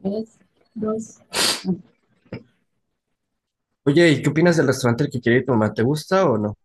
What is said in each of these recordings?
Tres, dos. Oye, ¿y qué opinas del restaurante al que quiere ir tu mamá? ¿Te gusta o no?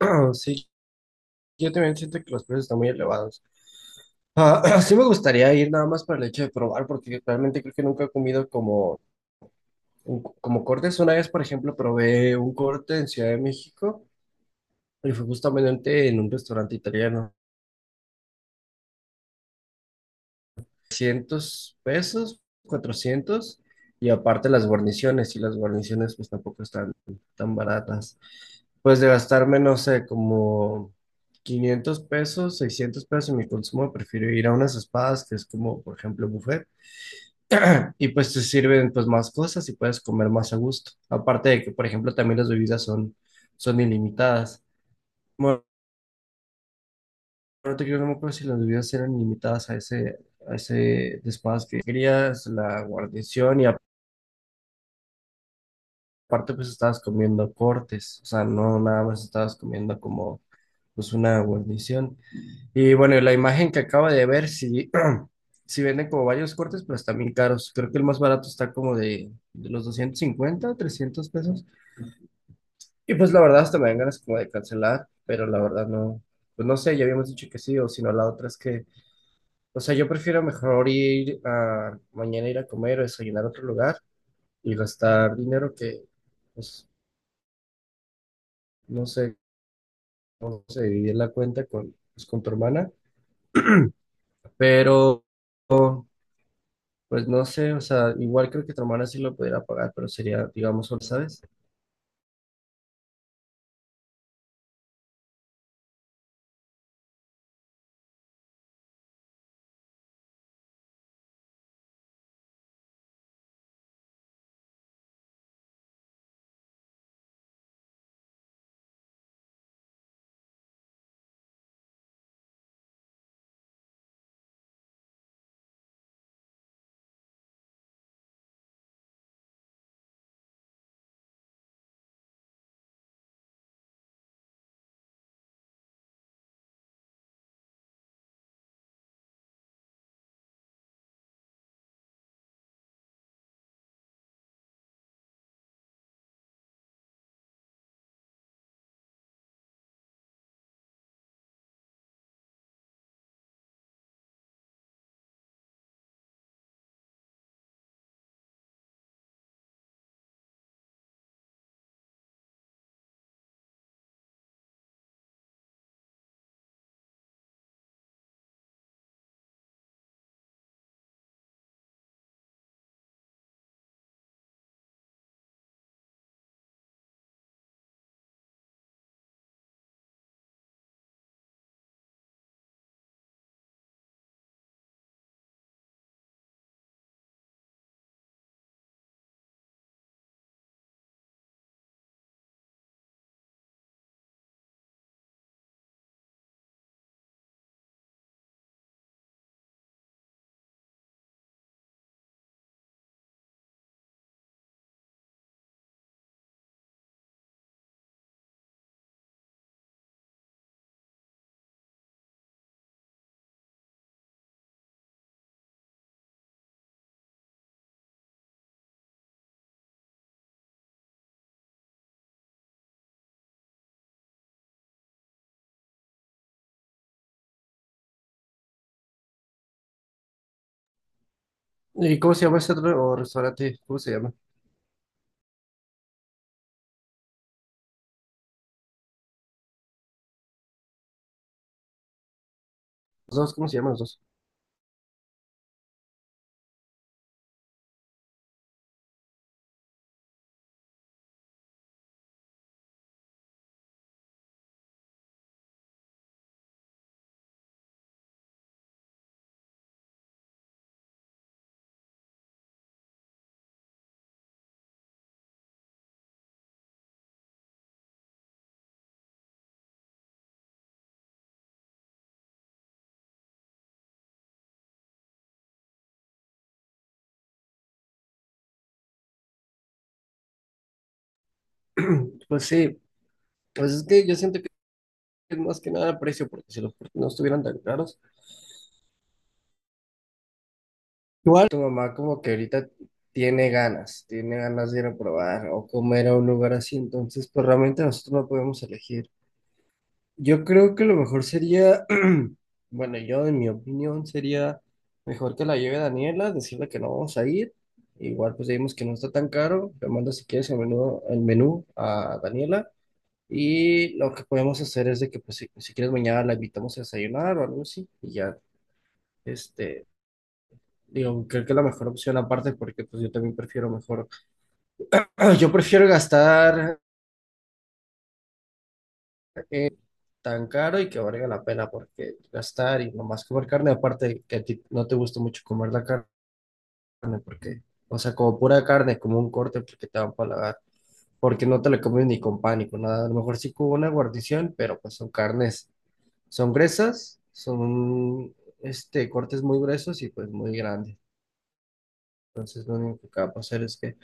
Sí, yo también siento que los precios están muy elevados. Ah, sí me gustaría ir nada más para el hecho de probar, porque realmente creo que nunca he comido como, como cortes. Una vez, por ejemplo, probé un corte en Ciudad de México y fue justamente en un restaurante italiano. 300 pesos, 400, y aparte las guarniciones, y las guarniciones pues tampoco están tan baratas. Pues de gastarme, no sé, como 500 pesos, 600 pesos en mi consumo, prefiero ir a unas espadas, que es como, por ejemplo, buffet, y pues te sirven pues más cosas y puedes comer más a gusto. Aparte de que, por ejemplo, también las bebidas son, ilimitadas. Bueno, pero te quiero no me acuerdo si las bebidas eran limitadas a ese despacho que querías, la guarnición, y aparte pues estabas comiendo cortes, o sea, no nada más estabas comiendo como pues una guarnición. Y bueno, y la imagen que acaba de ver, sí, sí venden como varios cortes, pero están bien caros. Creo que el más barato está como de los 250 300 pesos. Y pues la verdad hasta me dan ganas como de cancelar, pero la verdad no, pues no sé, ya habíamos dicho que sí, o si no, la otra es que o sea, yo prefiero mejor ir a mañana ir a comer o desayunar a otro lugar y gastar dinero que, pues, no sé cómo se divide la cuenta con, pues, con tu hermana, pero, pues, no sé, o sea, igual creo que tu hermana sí lo pudiera pagar, pero sería, digamos, solo, ¿sabes? ¿Y cómo se llama ese otro o restaurante? ¿Cómo se llama? Los dos, ¿cómo se llaman los dos? Pues sí, pues es que yo siento que es más que nada precio, porque si los precios no estuvieran tan caros, ¿cuál tu mamá como que ahorita tiene ganas, de ir a probar o comer a un lugar así? Entonces, pues realmente nosotros no podemos elegir. Yo creo que lo mejor sería, bueno, yo en mi opinión sería mejor que la lleve Daniela, decirle que no vamos a ir. Igual pues vimos que no está tan caro, le mando si quieres el menú, a Daniela y lo que podemos hacer es de que pues si quieres mañana la invitamos a desayunar o algo así y ya. Este, digo, creo que la mejor opción aparte, porque pues yo también prefiero mejor, yo prefiero gastar eh, tan caro y que valga la pena, porque gastar y nomás comer carne, aparte que a ti no te gusta mucho comer la carne, porque, o sea, como pura carne, como un corte, porque te va a empalagar, porque no te la comes ni con pan ni con nada, a lo mejor sí con una guarnición, pero pues son carnes, son gruesas, son este, cortes muy gruesos y pues muy grandes. Entonces, lo único que va a pasar es que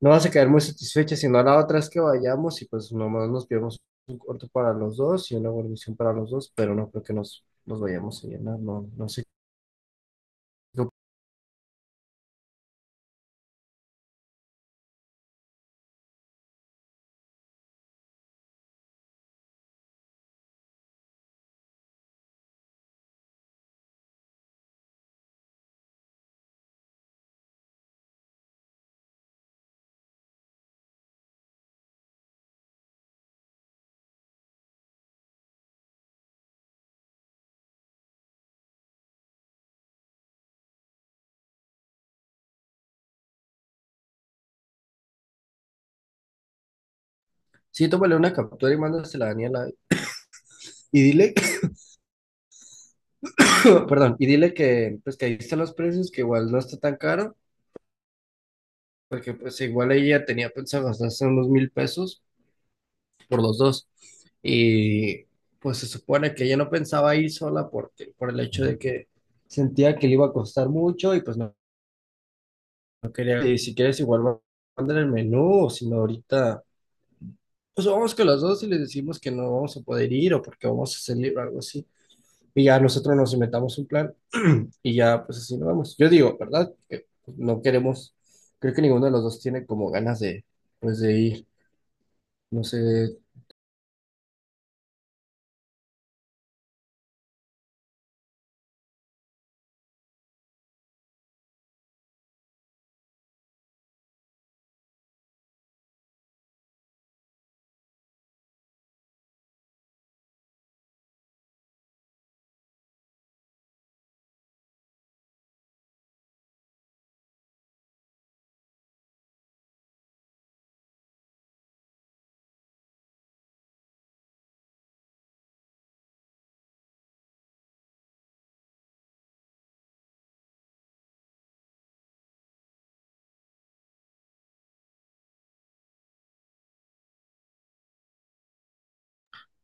no vas a quedar muy satisfecha, sino la otra es que vayamos y pues nomás nos pidamos un corto para los dos y una guarnición para los dos, pero no creo que nos vayamos a llenar, no, no sé. Sí, tómale una captura y mándasela a Daniela y dile, perdón, y dile que pues que ahí están los precios, que igual no está tan caro, porque pues igual ella tenía pensado gastarse unos 1,000 pesos, por los dos. Y pues se supone que ella no pensaba ir sola porque, por el hecho de que sentía que le iba a costar mucho y pues no quería. Y si quieres, igual mandan el menú, o si no, ahorita, pues vamos con los dos y les decimos que no vamos a poder ir o porque vamos a salir o algo así. Y ya nosotros nos inventamos un plan y ya, pues así nos vamos. Yo digo, ¿verdad? Que no queremos, creo que ninguno de los dos tiene como ganas de, pues de ir. No sé.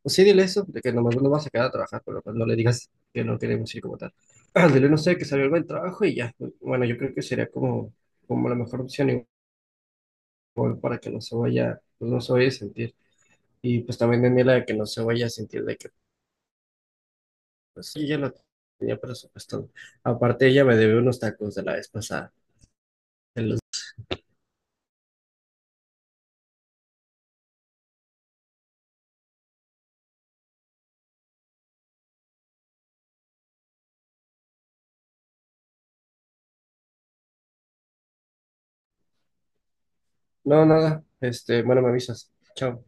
Pues sí, dile eso, de que nomás no vas a quedar a trabajar, pero pues no le digas que no queremos ir como tal. Ah, dile, no sé, que salió algo del trabajo y ya. Bueno, yo creo que sería como, como la mejor opción igual para que no se vaya, pues no se vaya a sentir. Y pues también Daniela, de que no se vaya a sentir de que, pues sí, ya lo tenía presupuestado. Aparte, ella me debe unos tacos de la vez pasada. de los- No, nada, este, bueno, me avisas. Chao.